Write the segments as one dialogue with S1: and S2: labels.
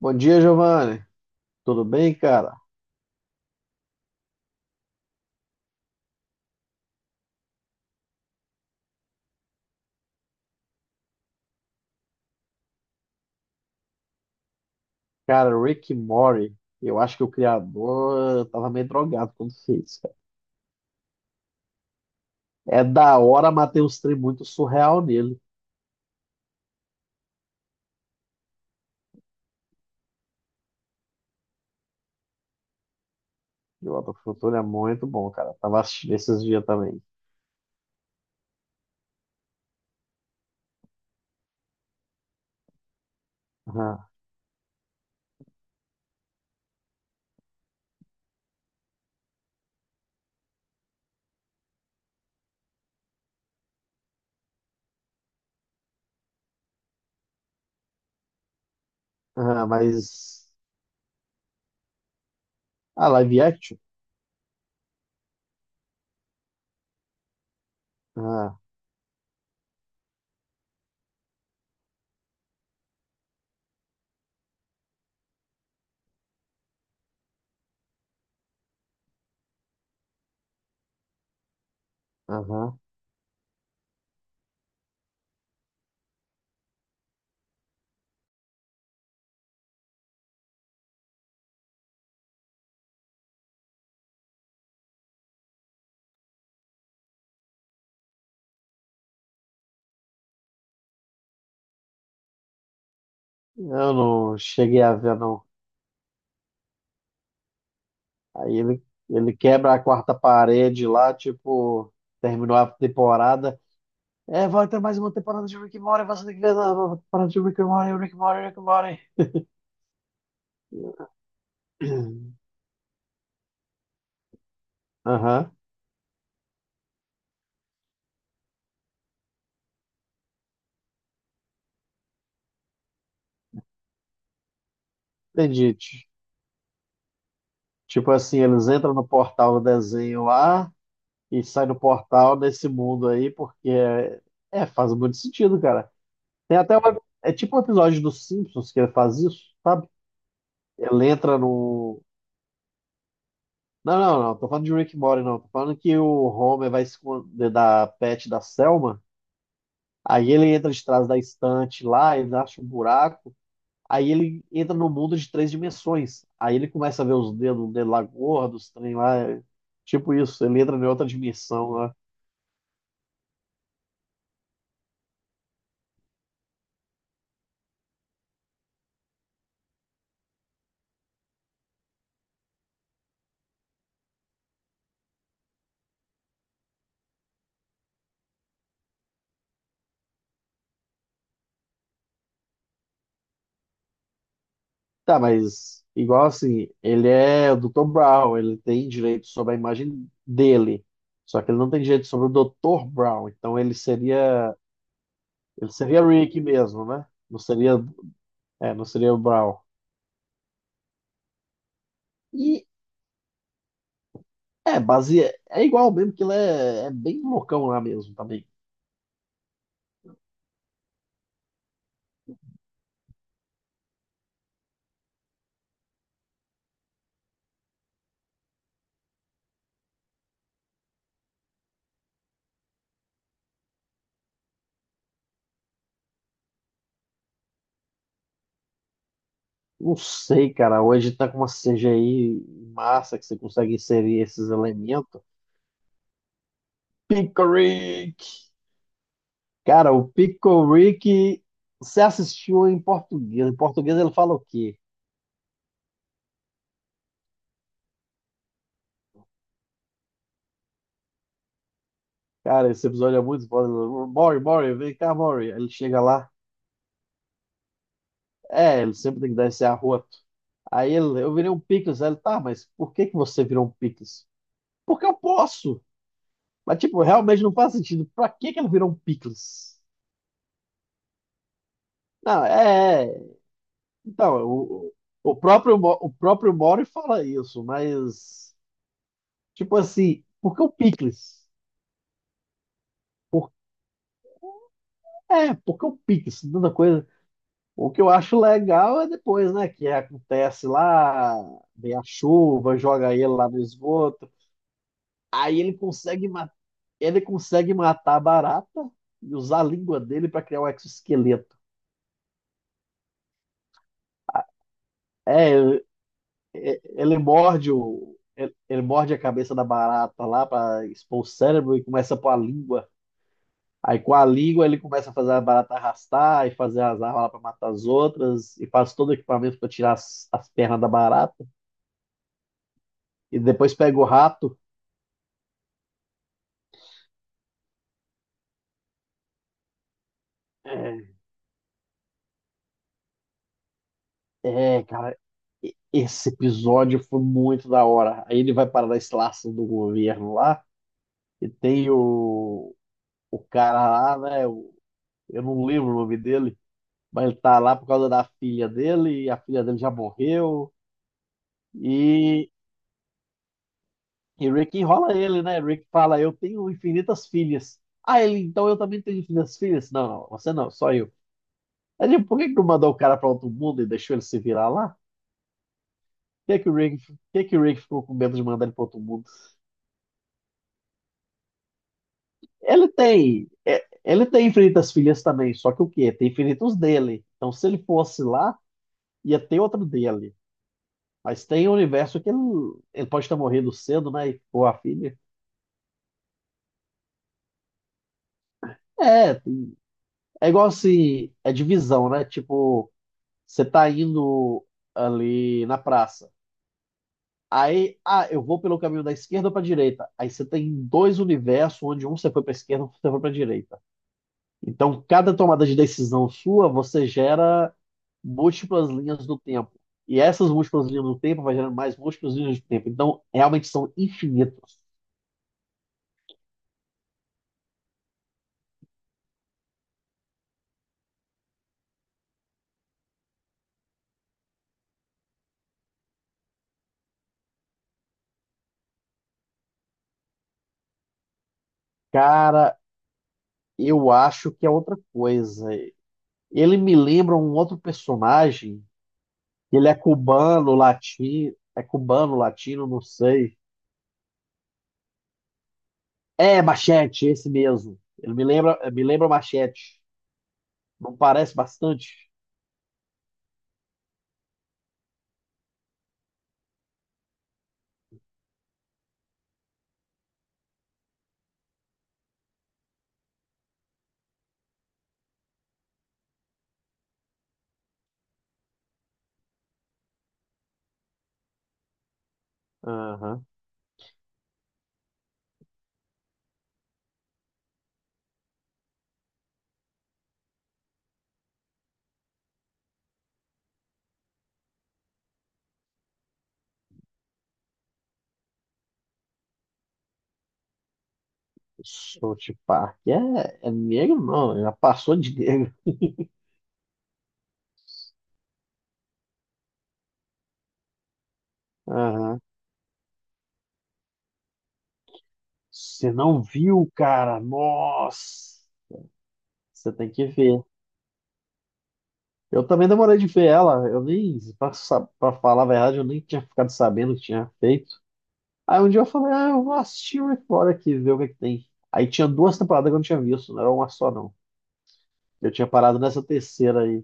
S1: Bom dia, Giovanni. Tudo bem, cara? Cara, Rick e Morty, eu acho que o criador tava meio drogado quando fez, cara. É da hora, mas tem uns trem muito surreal nele. E o Volta pro Futuro é muito bom, cara. Tava assistindo esses dias também. Aham, aham, mas... Ah, live action? Aham, aham. Eu não cheguei a ver, não. Aí ele quebra a quarta parede lá, tipo... Terminou a temporada. É, vai ter mais uma temporada de Rick and Morty, vai ser que ver a nova temporada de Rick and Morty, Rick and Morty, Rick and Morty. Aham, entendi. Tipo assim, eles entram no portal do desenho lá e saem do portal nesse mundo aí, porque faz muito sentido, cara. Tem até uma, é tipo um episódio dos Simpsons que ele faz isso, sabe? Ele entra no. Não, não, não, tô falando de Rick and Morty, não. Tô falando que o Homer vai esconder da pet da Selma. Aí ele entra de trás da estante lá, ele acha um buraco. Aí ele entra no mundo de três dimensões. Aí ele começa a ver os dedos dele lá gordos, os trem lá. Tipo isso, ele entra em outra dimensão lá. Tá, mas igual assim, ele é o Dr. Brown, ele tem direito sobre a imagem dele. Só que ele não tem direito sobre o Dr. Brown, então ele seria Rick mesmo, né? Não seria, não seria o Brown. E é, base é igual mesmo que ele é, é bem loucão lá mesmo também. Não sei, cara. Hoje tá com uma CGI massa que você consegue inserir esses elementos. Pickle Rick! Cara, o Pickle Rick, você assistiu em português. Em português ele fala o quê? Cara, esse episódio é muito foda. Mori, Mori, vem cá, Mori. Ele chega lá. É, ele sempre tem que dar esse arroto. Aí ele, eu virei um picles. Aí ele, tá, mas por que que você virou um picles? Porque eu posso. Mas, tipo, realmente não faz sentido. Pra que que ele virou um picles? Não, é. É. Então, o próprio, o próprio Mori fala isso, mas, tipo assim, por que o picles? É, por que o picles? Tanta coisa. O que eu acho legal é depois, né? Que acontece lá, vem a chuva, joga ele lá no esgoto. Aí ele consegue Ele consegue matar a barata e usar a língua dele para criar um exoesqueleto. É, é, ele morde a cabeça da barata lá para expor o cérebro e começa a pôr a língua. Aí com a língua ele começa a fazer a barata arrastar e fazer as armas lá para matar as outras e faz todo o equipamento para tirar as pernas da barata e depois pega o rato. É, cara, esse episódio foi muito da hora. Aí ele vai para a instalação do governo lá e tem o cara lá, né? Eu não lembro o nome dele, mas ele tá lá por causa da filha dele, e a filha dele já morreu. E, e Rick enrola ele, né? Rick fala: Eu tenho infinitas filhas. Ah, ele, então eu também tenho infinitas filhas? Não, não, você não, só eu. Aí, tipo, por que que não mandou o cara pra outro mundo e deixou ele se virar lá? Por que que o Rick, por que que o Rick ficou com medo de mandar ele pra outro mundo? Ele tem, é, ele tem infinitas filhas também, só que o quê? Tem infinitos dele. Então, se ele fosse lá, ia ter outro dele. Mas tem um universo que ele pode ter morrido cedo, né? E- Ou a filha. É, tem- é igual assim, é divisão, né? Tipo, você tá indo ali na praça. Aí, ah, eu vou pelo caminho da esquerda ou pra direita. Aí você tem dois universos, onde um você foi pra esquerda, um você foi pra direita. Então, cada tomada de decisão sua, você gera múltiplas linhas do tempo. E essas múltiplas linhas do tempo vai gerando mais múltiplas linhas do tempo. Então, realmente são infinitos. Cara, eu acho que é outra coisa. Ele me lembra um outro personagem. Ele é cubano, latino. É cubano, latino, não sei. É, Machete, esse mesmo. Ele me lembra Machete. Não parece bastante? Aham. South Park. É, é negro, não. Já passou de negro. Aham. Você não viu, cara? Nossa! Você tem que ver. Eu também demorei de ver ela. Eu nem, pra, sa- pra falar a verdade, eu nem tinha ficado sabendo que tinha feito. Aí um dia eu falei, ah, eu vou assistir Rick Mora aqui, ver o que que tem. Aí tinha duas temporadas que eu não tinha visto, não era uma só não. Eu tinha parado nessa terceira aí.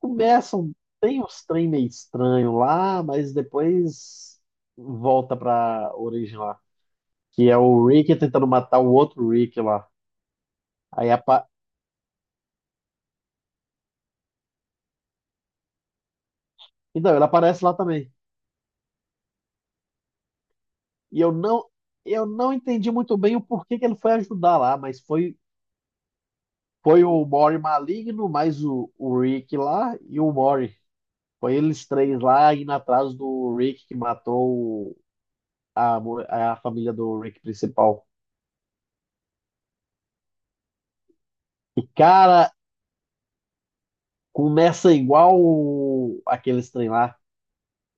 S1: Começam, tem uns trem meio estranho lá, mas depois volta pra origem lá. Que é o Rick tentando matar o outro Rick lá. Aí apa... Então, ele aparece lá também. E eu não, eu não entendi muito bem o porquê que ele foi ajudar lá, mas foi o Mori maligno, mais o Rick lá e o Mori. Foi eles três lá indo atrás do Rick que matou a família do Rick principal. E, cara, começa igual o- aqueles trem lá.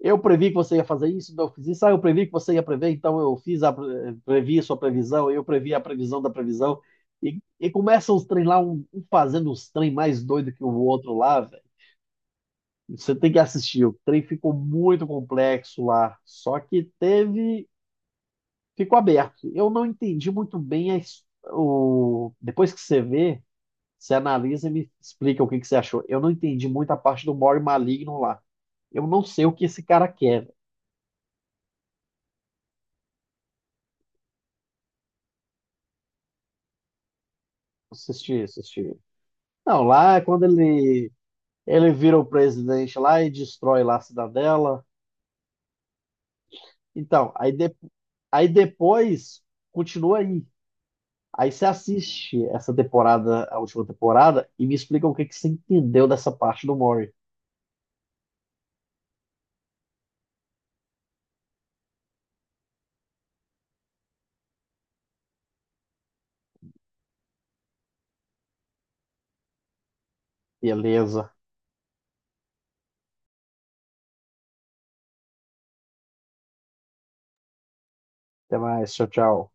S1: Eu previ que você ia fazer isso, então eu fiz isso. Ah, eu previ que você ia prever, então eu fiz a previ a sua previsão, eu previ a previsão da previsão. E começa os trem lá, um fazendo os trem mais doido que o outro lá, velho. Você tem que assistir. O trem ficou muito complexo lá. Só que teve ficou aberto. Eu não entendi muito bem a Depois que você vê, você analisa e me explica o que que você achou. Eu não entendi muito a parte do More Maligno lá. Eu não sei o que esse cara quer. Assistir, assistir. Não, lá é quando ele vira o presidente lá e destrói lá a cidadela. Então, aí, aí depois continua aí. Aí você assiste essa temporada, a última temporada, e me explica o que que você entendeu dessa parte do Mori. Beleza. Até mais. Tchau, tchau.